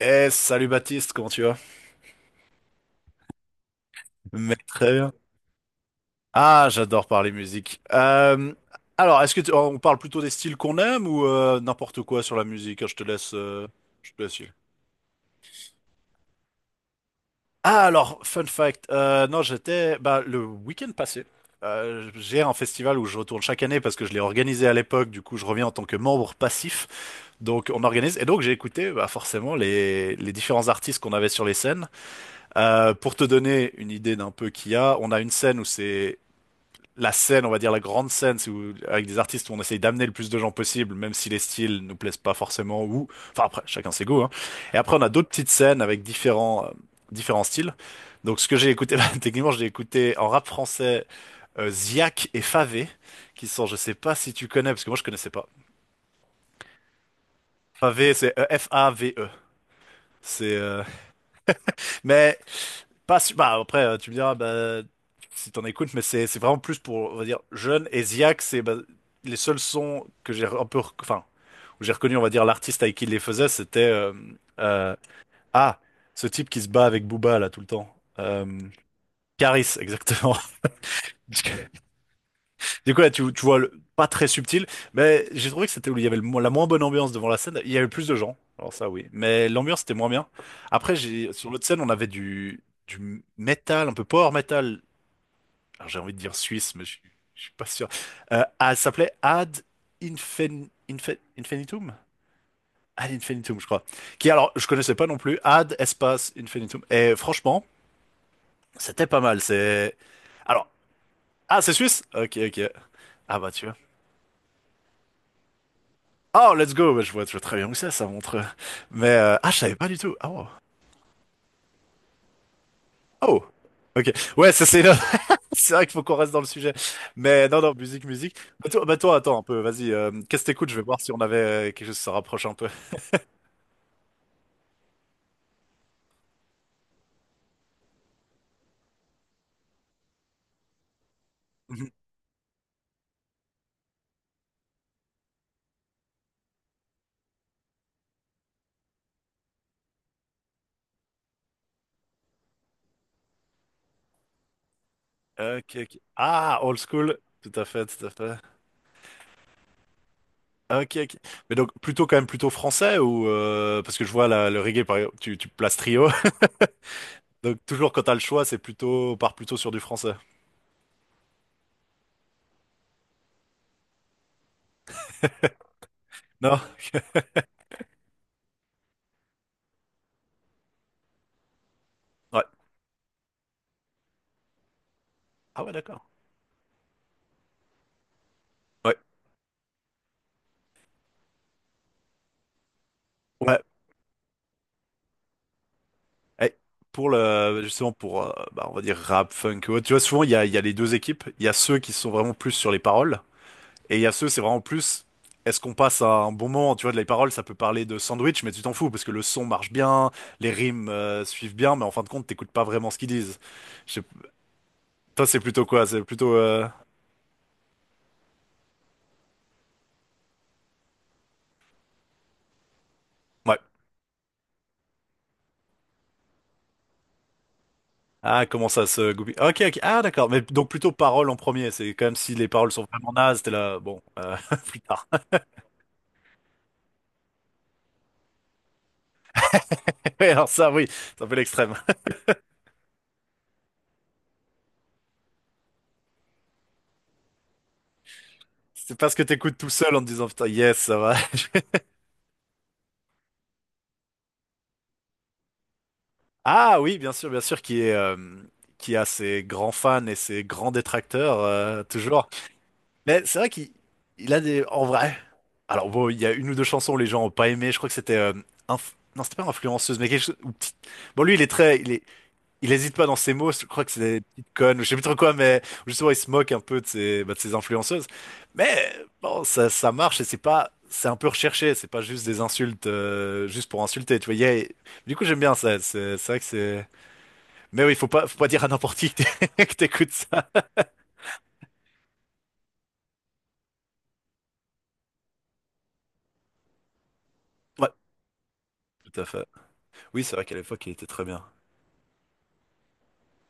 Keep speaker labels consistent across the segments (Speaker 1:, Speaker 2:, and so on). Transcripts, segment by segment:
Speaker 1: Salut Baptiste, comment tu vas? Mais très bien. Ah, j'adore parler musique. Alors, on parle plutôt des styles qu'on aime ou n'importe quoi sur la musique? Ah, je te laisse, filer. Ah, alors, fun fact. Non, j'étais le week-end passé. J'ai un festival où je retourne chaque année parce que je l'ai organisé à l'époque. Du coup, je reviens en tant que membre passif. Donc, on organise. Et donc, j'ai écouté forcément les différents artistes qu'on avait sur les scènes. Pour te donner une idée d'un peu qu'il y a, on a une scène où c'est la scène, on va dire la grande scène, c'est où, avec des artistes où on essaye d'amener le plus de gens possible, même si les styles nous plaisent pas forcément, ou, enfin après, chacun ses goûts, hein. Et après, on a d'autres petites scènes avec différents, différents styles. Donc, ce que j'ai écouté, bah, techniquement, j'ai écouté en rap français, Ziak et Favé, qui sont, je sais pas si tu connais, parce que moi, je connaissais pas. Favé, c'est E-F-A-V-E. C'est, mais Pas su- Bah, après, tu me diras, bah, si t'en écoutes, mais c'est vraiment plus pour, on va dire, jeune. Et Ziak, c'est bah, les seuls sons que j'ai un peu, où j'ai reconnu, on va dire, l'artiste avec qui il les faisait, c'était euh, ah, ce type qui se bat avec Booba là tout le temps. Euh, Karis, exactement. Du coup, là, tu vois, pas très subtil, mais j'ai trouvé que c'était où il y avait la moins bonne ambiance devant la scène. Il y avait plus de gens, alors ça oui, mais l'ambiance était moins bien. Après, j'ai sur l'autre scène, on avait du métal, un peu power metal, alors j'ai envie de dire suisse, mais je suis pas sûr. Ah, elle s'appelait Ad Infinitum? Ad Infinitum, je crois. Qui, alors, je connaissais pas non plus. Ad Espace Infinitum. Et franchement, c'était pas mal. C'est. Alors, ah, c'est suisse? Ok, ok. Ah, bah, tu vois. Oh, let's go! Bah, je vois très bien où c'est, ça montre. Mais, ah, je savais pas du tout. Ah, wow. Oh! Ok. Ouais, ça, c'est. C'est vrai qu'il faut qu'on reste dans le sujet. Mais non, non, musique, musique. Bah, toi, attends un peu, vas-y. Qu'est-ce que t'écoutes? Je vais voir si on avait quelque chose qui se rapproche un peu. Mhm. Ok, ok. Ah, old school. Tout à fait, tout à fait. Ok, ok. Mais donc plutôt quand même plutôt français ou parce que je vois le reggae par exemple, tu places trio. Donc toujours quand t'as le choix, c'est plutôt on part plutôt sur du français. Non? Ouais. Ah ouais, d'accord. Ouais. Ouais. Eh, pour le Justement pour bah, on va dire rap, funk, ouais. Tu vois souvent il y a les deux équipes. Il y a ceux qui sont vraiment plus sur les paroles. Et il y a ceux, c'est vraiment plus. Est-ce qu'on passe à un bon moment? Tu vois, de les paroles, ça peut parler de sandwich, mais tu t'en fous parce que le son marche bien, les rimes suivent bien, mais en fin de compte, t'écoutes pas vraiment ce qu'ils disent. Je sais- Toi, c'est plutôt quoi? C'est plutôt. Ouais. Ah, comment ça se goupille? Ok, ok. Ah, d'accord. Mais donc plutôt paroles en premier. C'est quand même si les paroles sont vraiment nazes, t'es là. Bon, plus tard. Ouais, alors ça, oui, c'est un peu l'extrême. C'est parce que t'écoutes tout seul en te disant putain, yes, ça va. Ah oui, bien sûr, qui est, qui a ses grands fans et ses grands détracteurs, toujours. Mais c'est vrai qu'il a des… En vrai… Alors bon, il y a une ou deux chansons où les gens ont pas aimé, je crois que c'était… Non, c'était pas influenceuse, mais quelque chose… ou Bon, lui, il est très… Il est… il hésite pas dans ses mots, je crois que c'est des petites connes, ou je sais plus trop quoi, mais justement, il se moque un peu de ses, bah, de ses influenceuses. Mais bon, ça marche et c'est pas… C'est un peu recherché, c'est pas juste des insultes, juste pour insulter, tu vois. Du coup, j'aime bien ça, c'est vrai que c'est… Mais oui, faut pas dire à n'importe qui que que t'écoutes ça. Ouais, tout à fait. Oui, c'est vrai qu'à l'époque, il était très bien.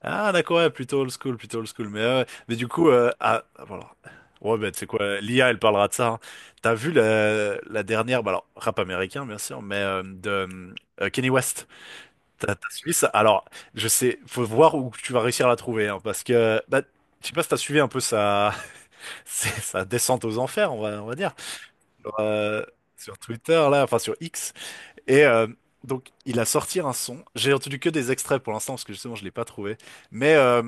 Speaker 1: Ah, d'accord, ouais, plutôt old school, plutôt old school. Mais du coup, voilà. Ouais, ben, tu sais quoi, l'IA, elle parlera de ça. Hein. T'as vu la dernière, bah, alors, rap américain, bien sûr, mais de Kanye West. T'as suivi ça? Alors, je sais, faut voir où tu vas réussir à la trouver, hein, parce que, bah, je sais pas si t'as suivi un peu sa, sa descente aux enfers, on va dire, sur, euh, sur Twitter, là, enfin, sur X. Et donc, il a sorti un son. J'ai entendu que des extraits pour l'instant, parce que justement, je l'ai pas trouvé. Mais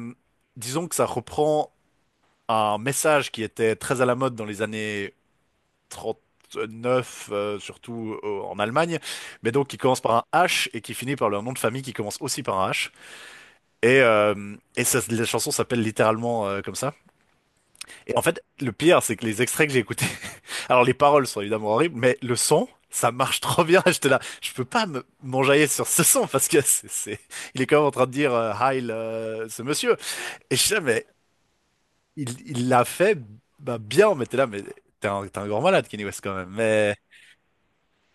Speaker 1: disons que ça reprend un message qui était très à la mode dans les années 39, surtout en Allemagne. Mais donc, qui commence par un H et qui finit par leur nom de famille qui commence aussi par un H. Et ça, la chanson s'appelle littéralement comme ça. Et en fait, le pire, c'est que les extraits que j'ai écoutés, alors les paroles sont évidemment horribles, mais le son, ça marche trop bien. J'étais là, je peux pas me m'enjailler sur ce son parce que c'est- il est quand même en train de dire Heil ce monsieur. Et je sais, mais il l'a fait bah, bien. Mais t'es là, mais t'es un grand malade, Kenny West quand même. Mais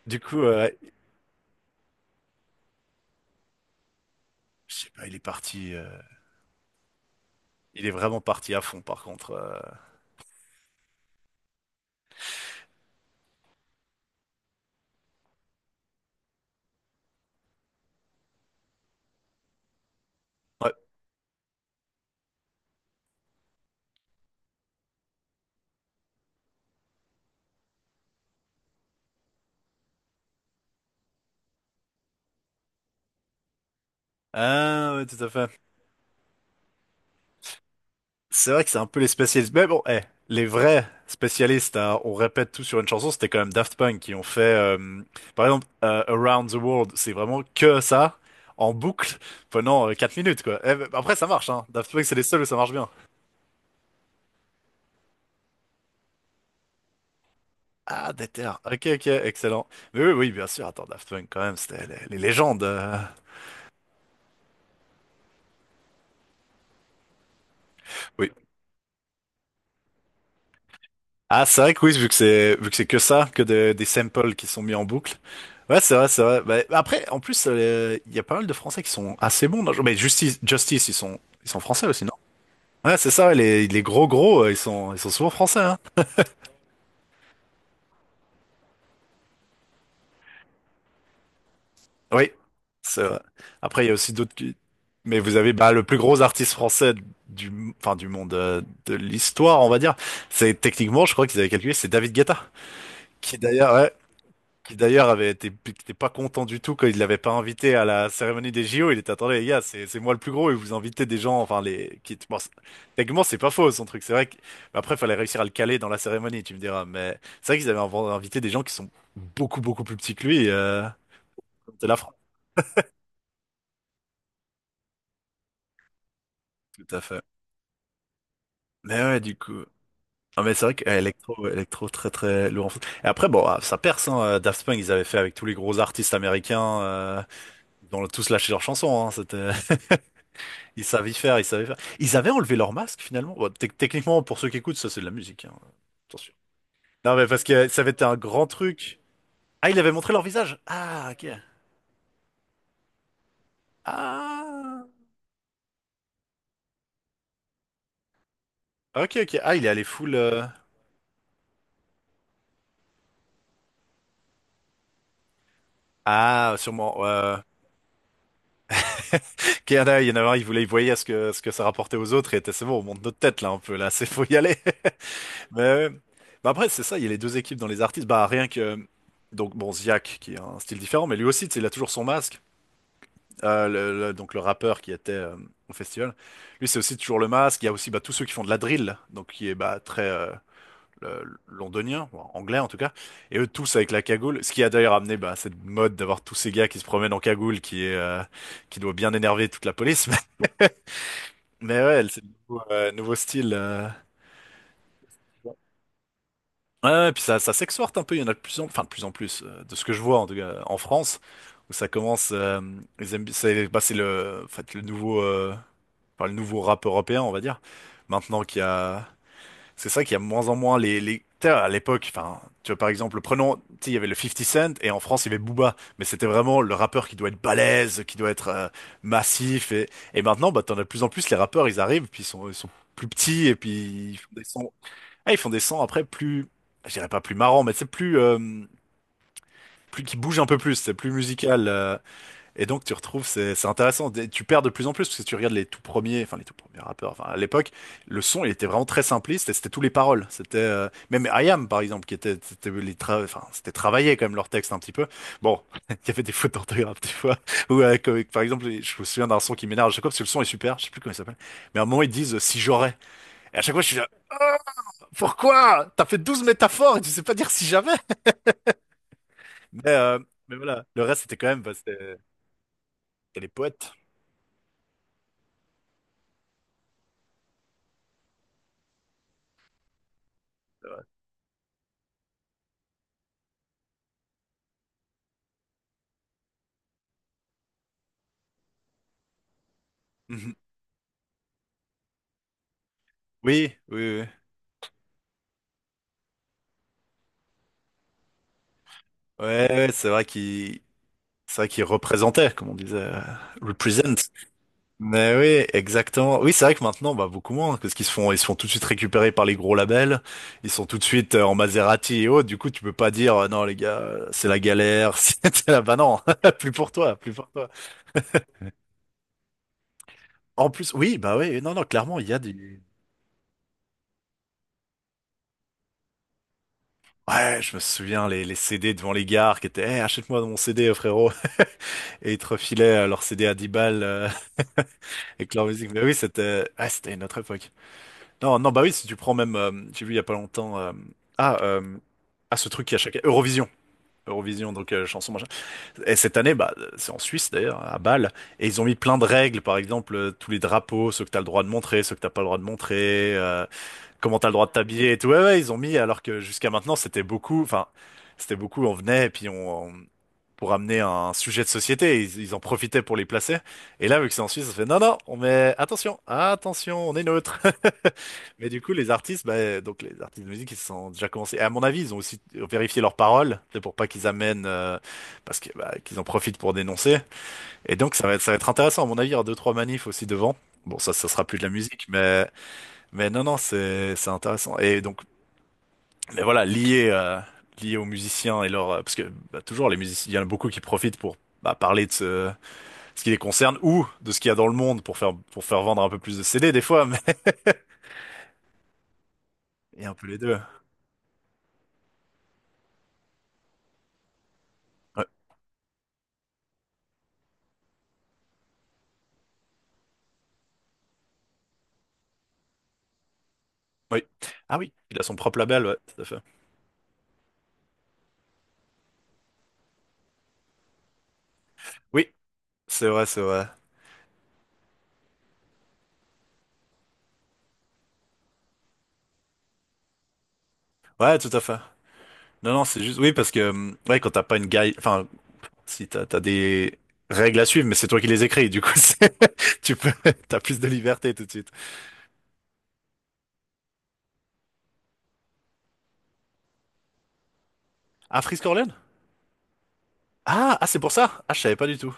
Speaker 1: du coup, je sais pas, il est parti, il est vraiment parti à fond par contre. Ouais. Ah ouais, tout à fait. C'est vrai que c'est un peu les spécialistes. Mais bon, eh, les vrais spécialistes, hein, on répète tout sur une chanson, c'était quand même Daft Punk qui ont fait, par exemple, Around the World, c'est vraiment que ça, en boucle, pendant 4 minutes, quoi. Eh, ben, après, ça marche, hein. Daft Punk, c'est les seuls où ça marche bien. Ah, déter. Ok, ok, excellent. Mais oui, oui, bien sûr. Attends, Daft Punk, quand même, c'était les légendes. Ah, c'est vrai que oui, vu que c'est que ça, que des samples qui sont mis en boucle. Ouais, c'est vrai, c'est vrai. Bah, après, en plus, il y a pas mal de Français qui sont assez bons. Dans le jeu. Mais Justice, ils sont français aussi, non? Ouais, c'est ça. Ouais, les gros gros, ils sont souvent français. Hein. Oui, c'est vrai. Après, il y a aussi d'autres. Mais vous avez bah, le plus gros artiste français du enfin du monde de l'histoire, on va dire. C'est techniquement, je crois qu'ils avaient calculé, c'est David Guetta, qui d'ailleurs, ouais, qui d'ailleurs avait été, qui était pas content du tout quand il l'avait pas invité à la cérémonie des JO. Il était, attendez, les gars, c'est moi le plus gros et vous invitez des gens, enfin, les, qui, bon, techniquement, c'est pas faux, son truc. C'est vrai que, mais après, fallait réussir à le caler dans la cérémonie, tu me diras. Mais c'est vrai qu'ils avaient invité des gens qui sont beaucoup plus petits que lui, de la France. Tout à fait. Mais ouais, du coup. Ah, mais c'est vrai que Electro, très lourd en foot. Et après, bon, ah, ça perce, hein. Daft Punk, ils avaient fait avec tous les gros artistes américains, ils ont tous lâché leurs chansons, hein. C'était, ils savent y faire, ils savent y faire. Ils avaient enlevé leur masque finalement. Bon, techniquement, pour ceux qui écoutent, ça c'est de la musique. Hein. Attention. Non mais parce que ça avait été un grand truc. Ah, il avait montré leur visage. Ah, ok. Ah. Ok, ok. Ah, il est allé full. Ah, sûrement. Ouais. Ok, il y en a il y en a un, il voulait, il voyait ce que ça rapportait aux autres et il était, c'est bon, on monte notre tête là un peu là, c'est faut y aller. Mais, euh, bah après, c'est ça, il y a les deux équipes dans les artistes. Bah rien que. Donc bon, Ziak, qui a un style différent, mais lui aussi, tu sais, il a toujours son masque. Donc le rappeur qui était au festival. Lui, c'est aussi toujours le masque. Il y a aussi bah, tous ceux qui font de la drill, donc qui est bah, très londonien, ou anglais en tout cas. Et eux tous avec la cagoule, ce qui a d'ailleurs amené bah, cette mode d'avoir tous ces gars qui se promènent en cagoule, qui est qui doit bien énerver toute la police. Mais ouais, c'est le nouveau, nouveau style. Ouais, ouais, puis ça s'exporte un peu, il y en a enfin, de plus en plus, de ce que je vois en tout cas en France, où ça commence, ils aiment- c'est bah, c'est le, en fait, le nouveau, enfin le nouveau rap européen, on va dire. Maintenant qu'il y a, c'est ça qu'il y a de moins en moins les... tu sais, à l'époque, enfin, tu vois par exemple, prenons, tu sais, il y avait le fifty Cent et en France il y avait Booba, mais c'était vraiment le rappeur qui doit être balèze, qui doit être massif et maintenant bah t'en as de plus en plus les rappeurs, ils arrivent puis ils sont plus petits et puis ils font des sons, ah, ils font des sons après plus, je dirais pas plus marrants, mais c'est plus plus qui bougent un peu plus, c'est plus musical. Et donc tu retrouves, c'est intéressant, Des- tu perds de plus en plus, parce que tu regardes les tout premiers, enfin les tout premiers rappeurs, enfin à l'époque, le son il était vraiment très simpliste et c'était tous les paroles. C'était même IAM par exemple, qui était, c'était les tra- enfin, c'était travaillé quand même leur texte un petit peu. Bon, il y avait des fautes d'orthographe des fois, ou comme- par exemple, je me souviens d'un son qui m'énerve à chaque fois, parce que le son est super, je sais plus comment il s'appelle, mais à un moment ils disent si j'aurais. Et à chaque fois je suis là, Ah, pourquoi? T'as fait 12 métaphores et tu sais pas dire si j'avais. Mais, euh, mais voilà, le reste c'était quand même, bah, c'était les poètes. Mhm. Oui, oui, oui. Ouais, ouais, c'est vrai qu'il représentait, comme on disait, represent. Mais oui, exactement. Oui, c'est vrai que maintenant, bah, beaucoup moins, parce qu'ils se font, ils se font tout de suite récupérer par les gros labels. Ils sont tout de suite en Maserati et autres. Du coup, tu peux pas dire, non, les gars, c'est la galère, c'est la, bah non, plus pour toi, plus pour toi. En plus, oui, bah oui, non, non, clairement, il y a du, ouais, je me souviens, les CD devant les gares qui étaient, Eh, achète-moi mon CD, frérot. Et ils te refilaient leur CD à 10 balles, avec leur musique. Mais oui, c'était, ah, c'était une autre époque. Non, non, bah oui, si tu prends même, j'ai vu il y a pas longtemps, ah, euh, ah, ce truc qui a chaque Eurovision, Eurovision, donc chanson machin. Et cette année, bah, c'est en Suisse d'ailleurs, à Bâle, et ils ont mis plein de règles, par exemple, tous les drapeaux, ceux que t'as le droit de montrer, ceux que t'as pas le droit de montrer. Comment t'as le droit de t'habiller et tout. Ouais, ouais, ils ont mis, alors que jusqu'à maintenant, c'était beaucoup, enfin, c'était beaucoup, on venait et puis on- pour amener un sujet de société, ils en profitaient pour les placer. Et là, vu que c'est en Suisse, ça fait non, non, on met, attention, attention, on est neutre. Mais du coup, les artistes, bah, donc les artistes de musique, ils se sont déjà commencés. Et à mon avis, ils ont aussi vérifié leurs paroles, c'est pour pas qu'ils amènent, parce que, bah, qu'ils en profitent pour dénoncer. Et donc, ça va être intéressant, à mon avis, il y aura deux, trois manifs aussi devant. Bon, ça sera plus de la musique, mais non, non, c'est intéressant. Et donc, mais voilà, lié lié aux musiciens et leur parce que bah, toujours les musiciens, il y en a beaucoup qui profitent pour bah, parler de ce, ce qui les concerne ou de ce qu'il y a dans le monde pour faire vendre un peu plus de CD des fois, mais et un peu les deux. Ouais. Oui. Ah oui, il a son propre label, ouais, tout à fait. Oui, c'est vrai, c'est vrai. Ouais, tout à fait. Non, non, c'est juste oui parce que ouais quand t'as pas une guide, enfin si t'as des règles à suivre, mais c'est toi qui les écris, du coup c'est- tu peux t'as plus de liberté tout de suite. Ah, Free Ah, ah c'est pour ça? Ah, je savais pas du tout.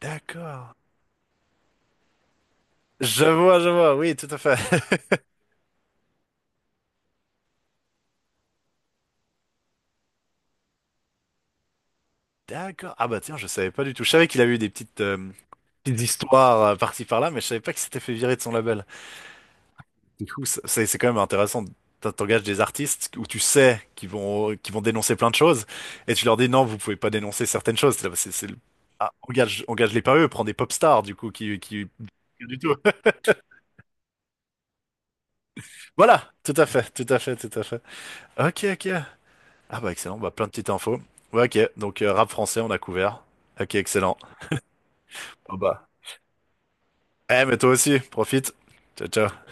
Speaker 1: D'accord. Je vois, oui, tout à fait. D'accord. Ah bah tiens, je savais pas du tout. Je savais qu'il avait eu des petites, petites histoires par-ci par-là, mais je savais pas qu'il s'était fait virer de son label. Du coup, c- c'est quand même intéressant. T'en- T'engages des artistes où tu sais qu'ils vont dénoncer plein de choses, et tu leur dis non, vous pouvez pas dénoncer certaines choses. C'est le- ah, engage, engage-les pas eux, prends des pop stars, du coup, qui, du tout. Voilà, tout à fait, tout à fait, tout à fait. Ok, ok. Ah bah excellent, bah plein de petites infos. Ouais, ok, donc rap français, on a couvert. Ok, excellent. Oh bah. Eh, mais toi aussi, profite. Ciao, ciao.